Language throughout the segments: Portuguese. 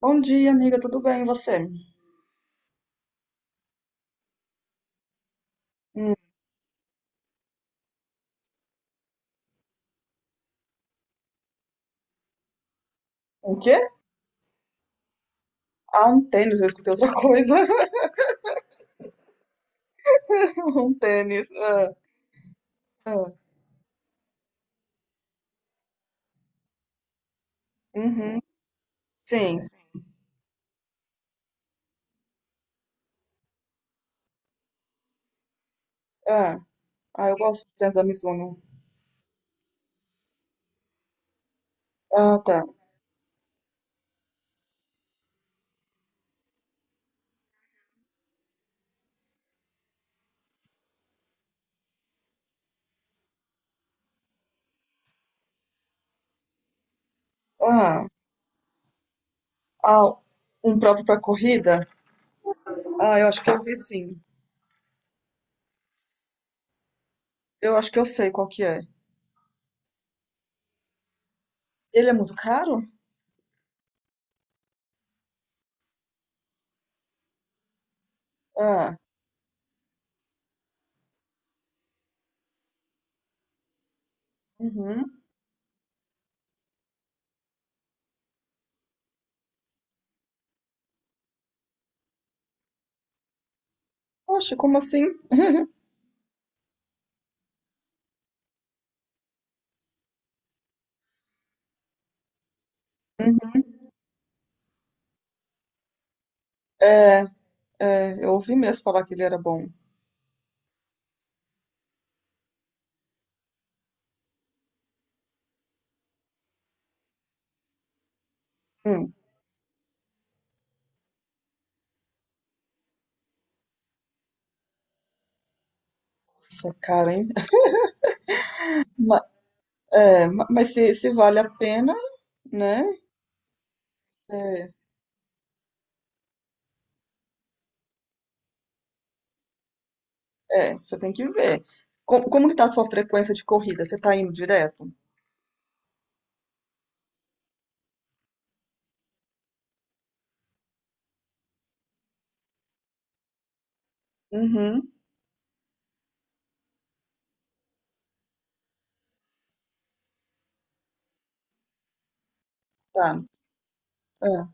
Bom dia, amiga, tudo bem? E você? Hum, o quê? Ah, um tênis, eu escutei outra coisa. Um tênis. Ah, ah. Uhum. Sim, sim. Ah, ah, eu gosto do tênis da Mizuno. Ah, tá. Ah, ah, um próprio pra corrida? Ah, eu acho que eu vi sim. Eu acho que eu sei qual que é. Ele é muito caro? Ah, uhum. Poxa, como assim? Uhum. É, é, eu ouvi mesmo falar que ele era bom. Hum, isso é caro, hein? Ma- mas se, vale a pena. Né? É, é, você tem que ver. Como, que tá a sua frequência de corrida? Você tá indo direto? Uhum, tá. É,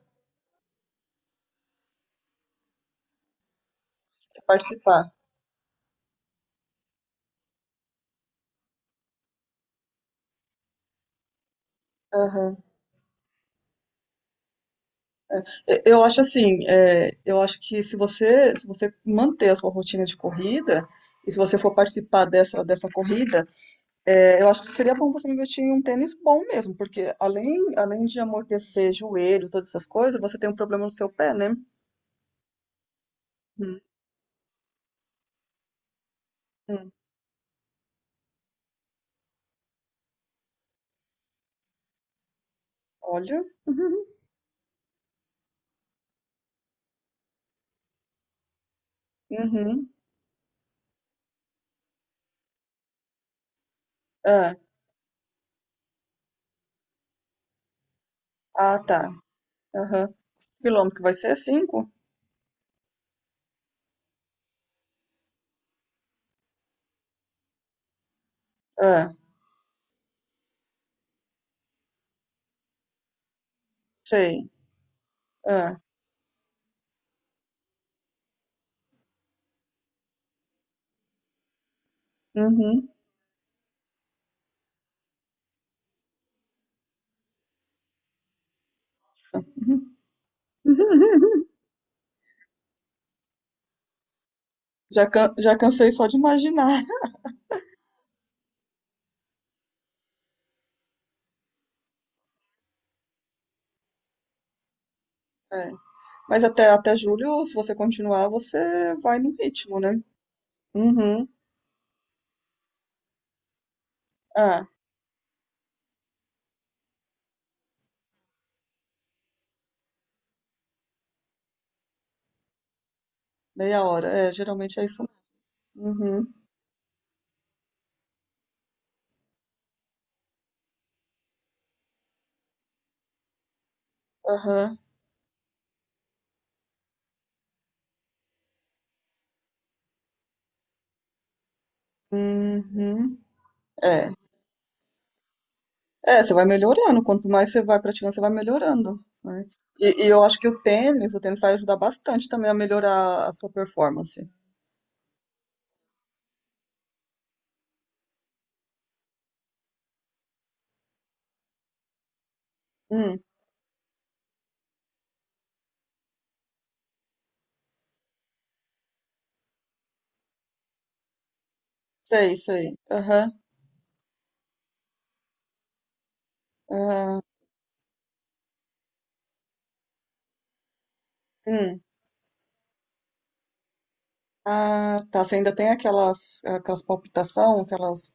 quer participar. Aham. Eu acho assim, é, eu acho que se você, se você manter a sua rotina de corrida, e se você for participar dessa corrida, é, eu acho que seria bom você investir em um tênis bom mesmo, porque além, além de amortecer joelho, todas essas coisas, você tem um problema no seu pé, né? Uhum. Olha. Uhum. Ah, ah, tá. Aham. Quilômetro que vai ser? Cinco? Ah, sei. Ah, uhum. Já, já cansei só de imaginar. É. Mas até, até julho, se você continuar, você vai no ritmo, né? Uhum. Ah, meia hora. É, geralmente é isso. Uhum. Aham. Uhum. É. É, você vai melhorando. Quanto mais você vai praticando, você vai melhorando, né? E, eu acho que o tênis vai ajudar bastante também a melhorar a sua performance. Hum, sei, sei. Aham. Aham. Hum. Ah, tá. Você ainda tem aquelas, aquelas palpitação, aquelas.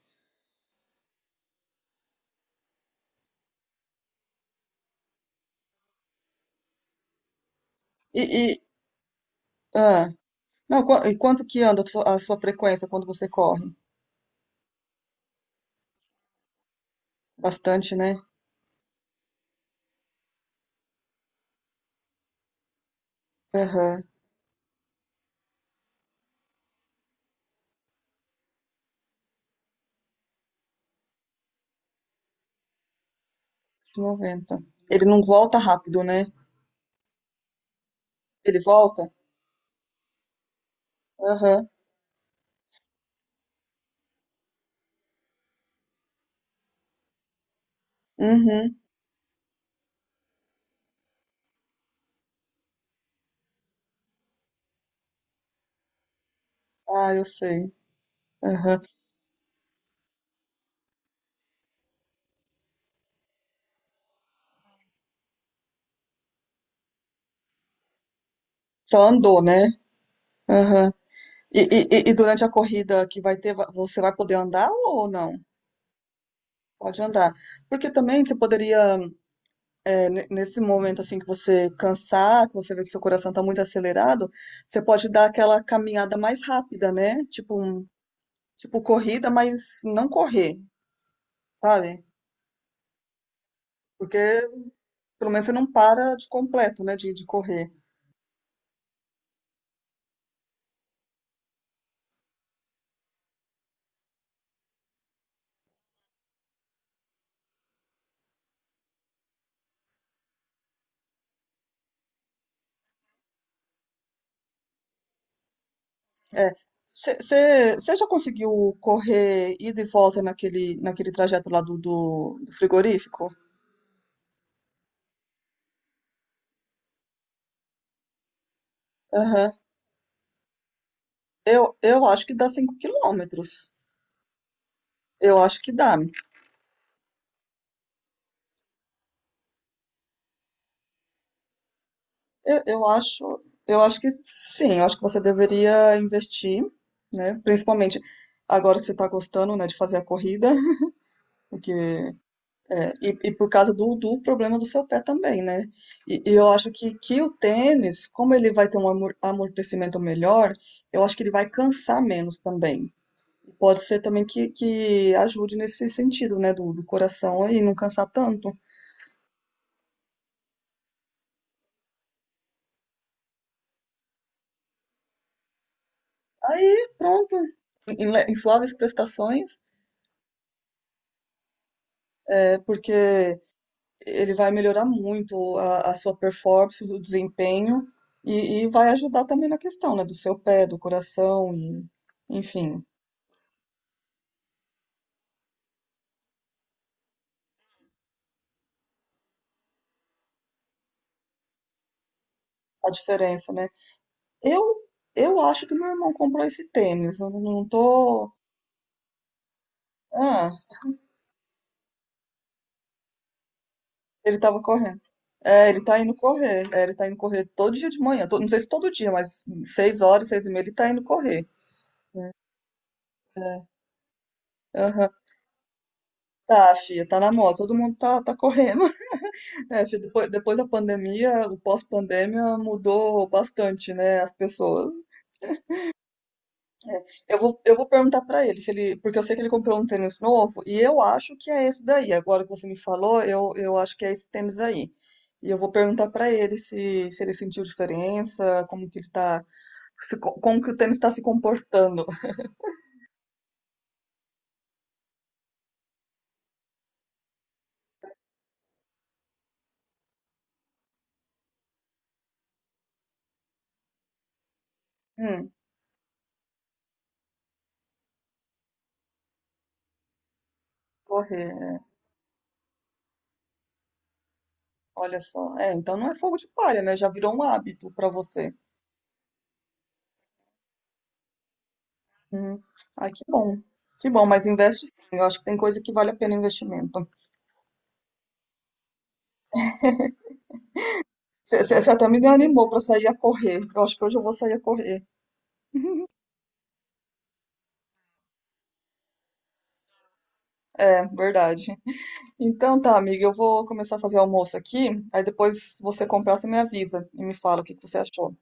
E, e- ah, não, e quanto que anda a sua frequência quando você corre? Bastante, né? Aham, 90. Ele não volta rápido, né? Ele volta? Aham, uhum. Ah, eu sei. Aham. Só andou, né? Aham. E, e durante a corrida que vai ter, você vai poder andar ou não? Pode andar. Porque também você poderia. Nesse momento assim que você cansar, que você vê que seu coração está muito acelerado, você pode dar aquela caminhada mais rápida, né? Tipo, tipo corrida, mas não correr, sabe? Porque pelo menos você não para de completo, né? De correr. É. Você já conseguiu correr ida e volta naquele, naquele trajeto lá do, do frigorífico? Aham. Eu acho que dá 5 km. Eu acho que dá. Eu, eu acho, eu acho que sim, eu acho que você deveria investir, né? Principalmente agora que você está gostando, né, de fazer a corrida, porque é, e por causa do, do problema do seu pé também, né? E eu acho que o tênis, como ele vai ter um amortecimento melhor, eu acho que ele vai cansar menos também. Pode ser também que ajude nesse sentido, né, do, do coração aí, não cansar tanto. Aí, pronto. Em, em suaves prestações, é porque ele vai melhorar muito a sua performance, o desempenho, e vai ajudar também na questão, né, do seu pé, do coração, e, enfim, a diferença, né? Eu, eu acho que meu irmão comprou esse tênis, eu não tô. Ah, ele tava correndo. É, ele tá indo correr, é, ele tá indo correr todo dia de manhã, não sei se todo dia, mas 6 horas, 6:30, ele tá indo correr. É, aham. Tá, filha, tá na moda, todo mundo tá, tá correndo. É, acho que depois, depois da pandemia, o pós-pandemia mudou bastante, né, as pessoas. É, eu vou perguntar pra ele se ele, porque eu sei que ele comprou um tênis novo e eu acho que é esse daí. Agora que você me falou, eu acho que é esse tênis aí. E eu vou perguntar pra ele se, se ele sentiu diferença, como que ele tá, se co- como que o tênis tá se comportando. Hum, correr, né? Olha só. É, então não é fogo de palha, né? Já virou um hábito pra você. Hum. Ai, que bom. Que bom, mas investe sim. Eu acho que tem coisa que vale a pena investimento. Você até me animou para sair a correr. Eu acho que hoje eu vou sair a correr. É, verdade. Então tá, amiga, eu vou começar a fazer almoço aqui. Aí depois você comprar, você me avisa e me fala o que que você achou.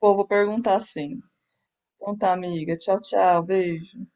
Pô, vou perguntar sim. Então tá, amiga. Tchau, tchau. Beijo.